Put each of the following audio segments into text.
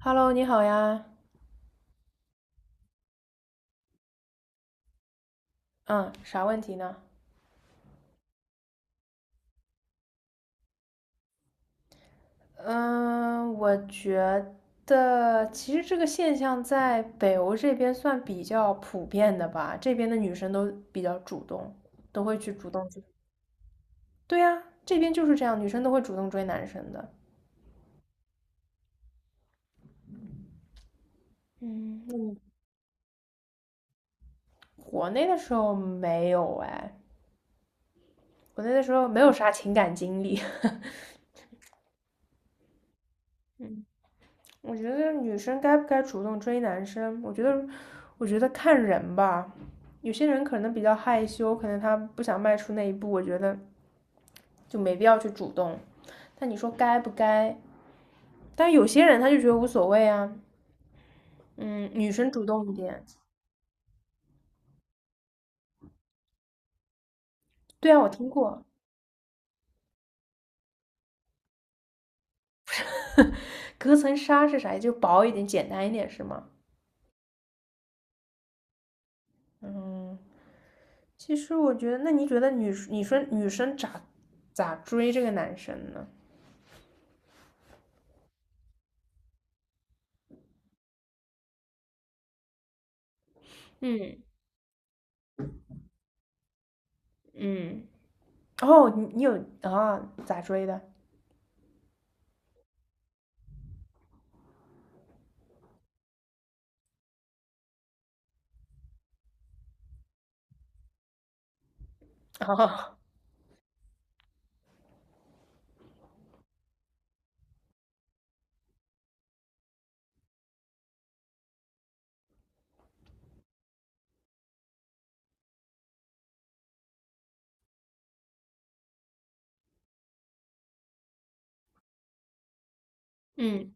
Hello，你好呀。嗯，啥问题呢？嗯，我觉得其实这个现象在北欧这边算比较普遍的吧，这边的女生都比较主动，都会去主动去。对呀，这边就是这样，女生都会主动追男生的。嗯，国内的时候没有哎，国内的时候没有啥情感经历。我觉得女生该不该主动追男生，我觉得看人吧。有些人可能比较害羞，可能他不想迈出那一步，我觉得就没必要去主动。但你说该不该？但有些人他就觉得无所谓啊。嗯，女生主动一点。对啊，我听过，隔层纱是啥？就薄一点，简单一点是吗？嗯，其实我觉得，那你觉得女，你说女生咋追这个男生呢？嗯嗯。哦，你有啊？咋追的？哦，嗯，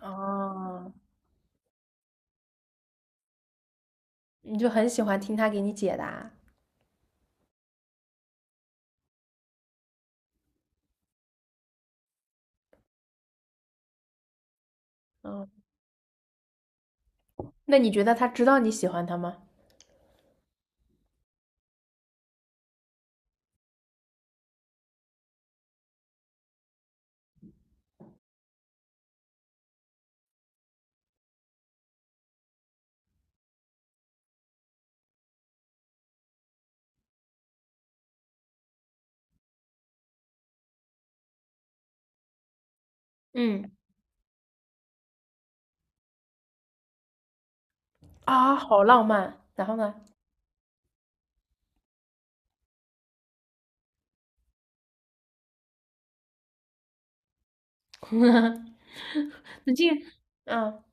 哦，你就很喜欢听他给你解答。嗯，那你觉得他知道你喜欢他吗？嗯，啊，好浪漫。然后呢？那这个，嗯，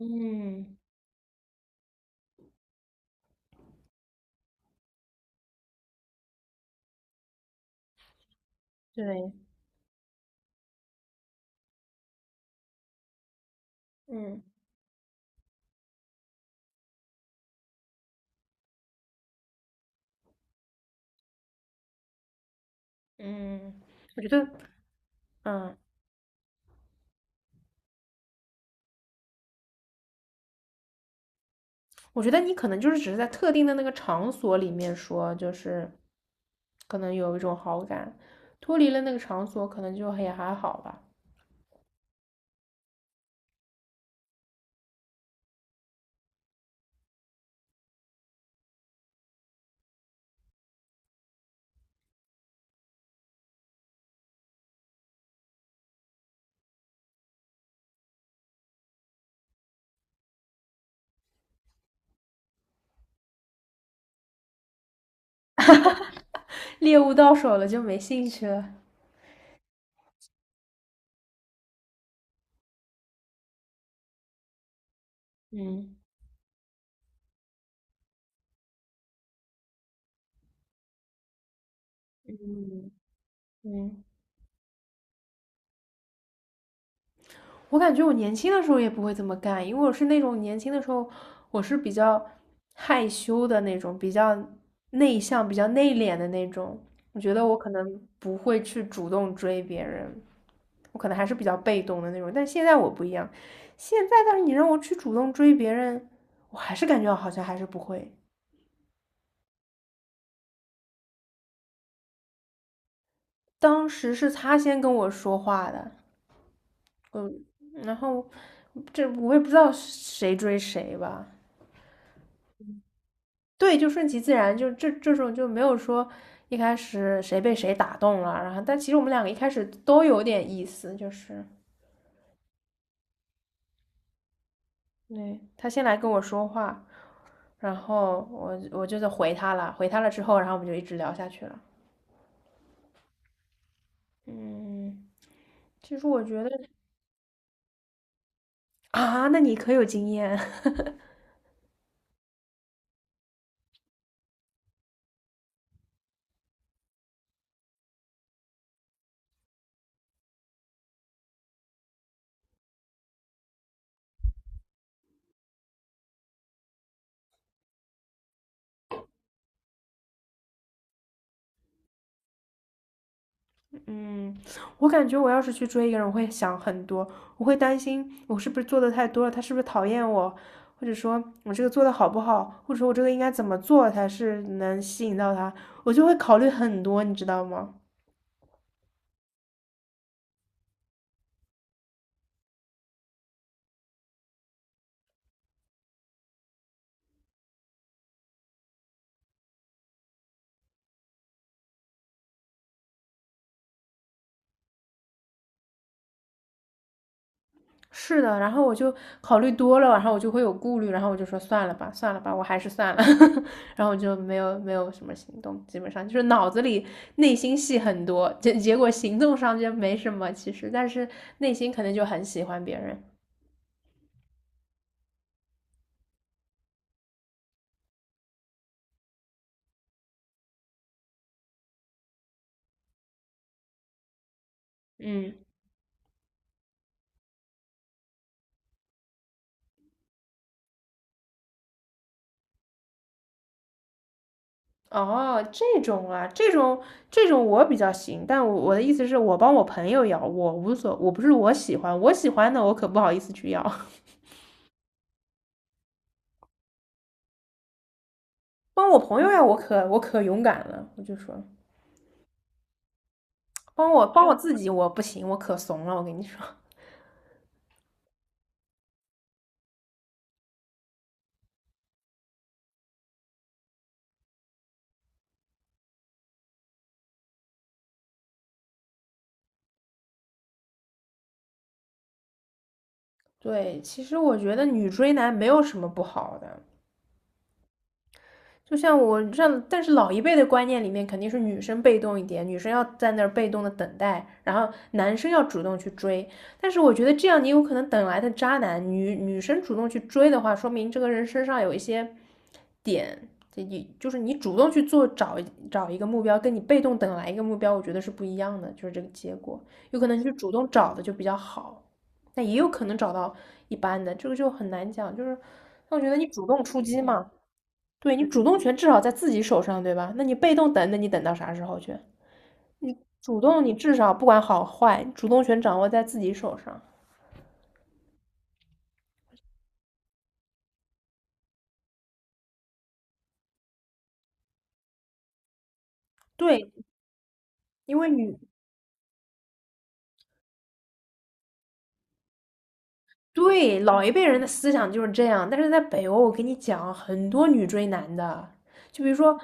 嗯对，嗯嗯，我觉得，嗯，我觉得你可能就是只是在特定的那个场所里面说，就是可能有一种好感，脱离了那个场所，可能就也还好吧。猎物到手了就没兴趣了。嗯嗯嗯。我感觉我年轻的时候也不会这么干，因为我是那种年轻的时候，我是比较害羞的那种，比较内向、比较内敛的那种。我觉得我可能不会去主动追别人，我可能还是比较被动的那种。但现在我不一样，现在但是你让我去主动追别人，我还是感觉好像还是不会。当时是他先跟我说话的，嗯，然后这我也不知道谁追谁吧，对，就顺其自然，就这种就没有说一开始谁被谁打动了，然后但其实我们两个一开始都有点意思，就是对，他先来跟我说话，然后我就在回他了之后，然后我们就一直聊下去了。嗯，其实我觉得啊，那你可有经验。嗯，我感觉我要是去追一个人，我会想很多，我会担心我是不是做的太多了，他是不是讨厌我，或者说我这个做的好不好，或者说我这个应该怎么做才是能吸引到他，我就会考虑很多，你知道吗？是的，然后我就考虑多了，然后我就会有顾虑，然后我就说算了吧，算了吧，我还是算了，然后我就没有什么行动，基本上就是脑子里内心戏很多，结果行动上就没什么，其实，但是内心可能就很喜欢别人，嗯。哦，这种啊，这种我比较行，但我的意思是我帮我朋友要，我无所，我不是我喜欢，我喜欢的我可不好意思去要，帮我朋友摇，我可勇敢了，我就说帮我自己我不行，我可怂了，我跟你说，对，其实我觉得女追男没有什么不好的，就像我像，但是老一辈的观念里面，肯定是女生被动一点，女生要在那儿被动的等待，然后男生要主动去追。但是我觉得这样，你有可能等来的渣男，女生主动去追的话，说明这个人身上有一些点，这你就是你主动去做找一个目标，跟你被动等来一个目标，我觉得是不一样的，就是这个结果，有可能就主动找的就比较好，但也有可能找到一般的，这个就很难讲，就是。我觉得你主动出击嘛，对，你主动权至少在自己手上，对吧？那你被动等，那你等到啥时候去？主动你至少不管好坏，主动权掌握在自己手上。对，因为女，对，老一辈人的思想就是这样，但是在北欧，我跟你讲，很多女追男的，就比如说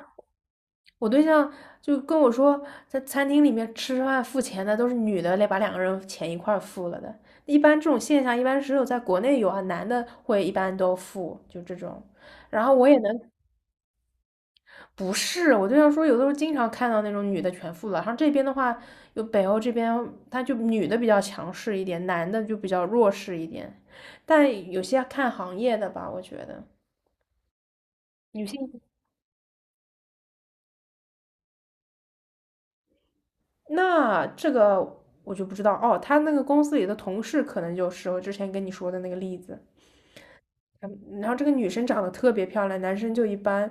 我对象就跟我说，在餐厅里面吃饭付钱的都是女的来把两个人钱一块儿付了的，一般这种现象一般只有在国内有啊，男的会一般都付，就这种。然后我也能不是，我就想说，有的时候经常看到那种女的全副了，然后这边的话，有北欧这边，他就女的比较强势一点，男的就比较弱势一点，但有些看行业的吧，我觉得女性，那这个我就不知道哦，他那个公司里的同事可能就是我之前跟你说的那个例子，嗯，然后这个女生长得特别漂亮，男生就一般，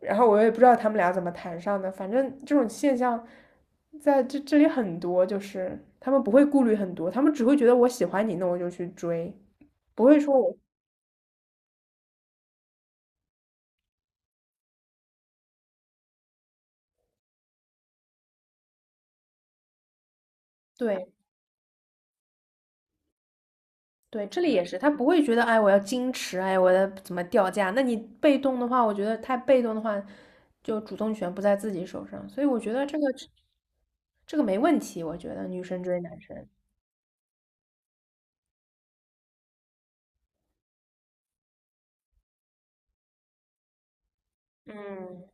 然后我也不知道他们俩怎么谈上的，反正这种现象在这里很多，就是他们不会顾虑很多，他们只会觉得我喜欢你，那我就去追，不会说我，对对，这里也是，他不会觉得哎我要矜持，哎我要怎么掉价，那你被动的话，我觉得太被动的话，就主动权不在自己手上，所以我觉得这个没问题，我觉得女生追男生，嗯。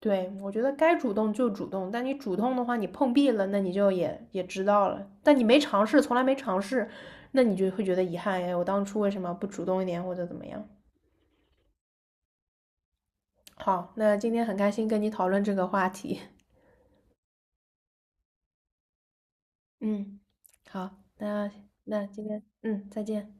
对，我觉得该主动就主动，但你主动的话，你碰壁了，那你就也知道了。但你没尝试，从来没尝试，那你就会觉得遗憾，哎，我当初为什么不主动一点或者怎么样？好，那今天很开心跟你讨论这个话题。嗯，好，那那今天，嗯，再见。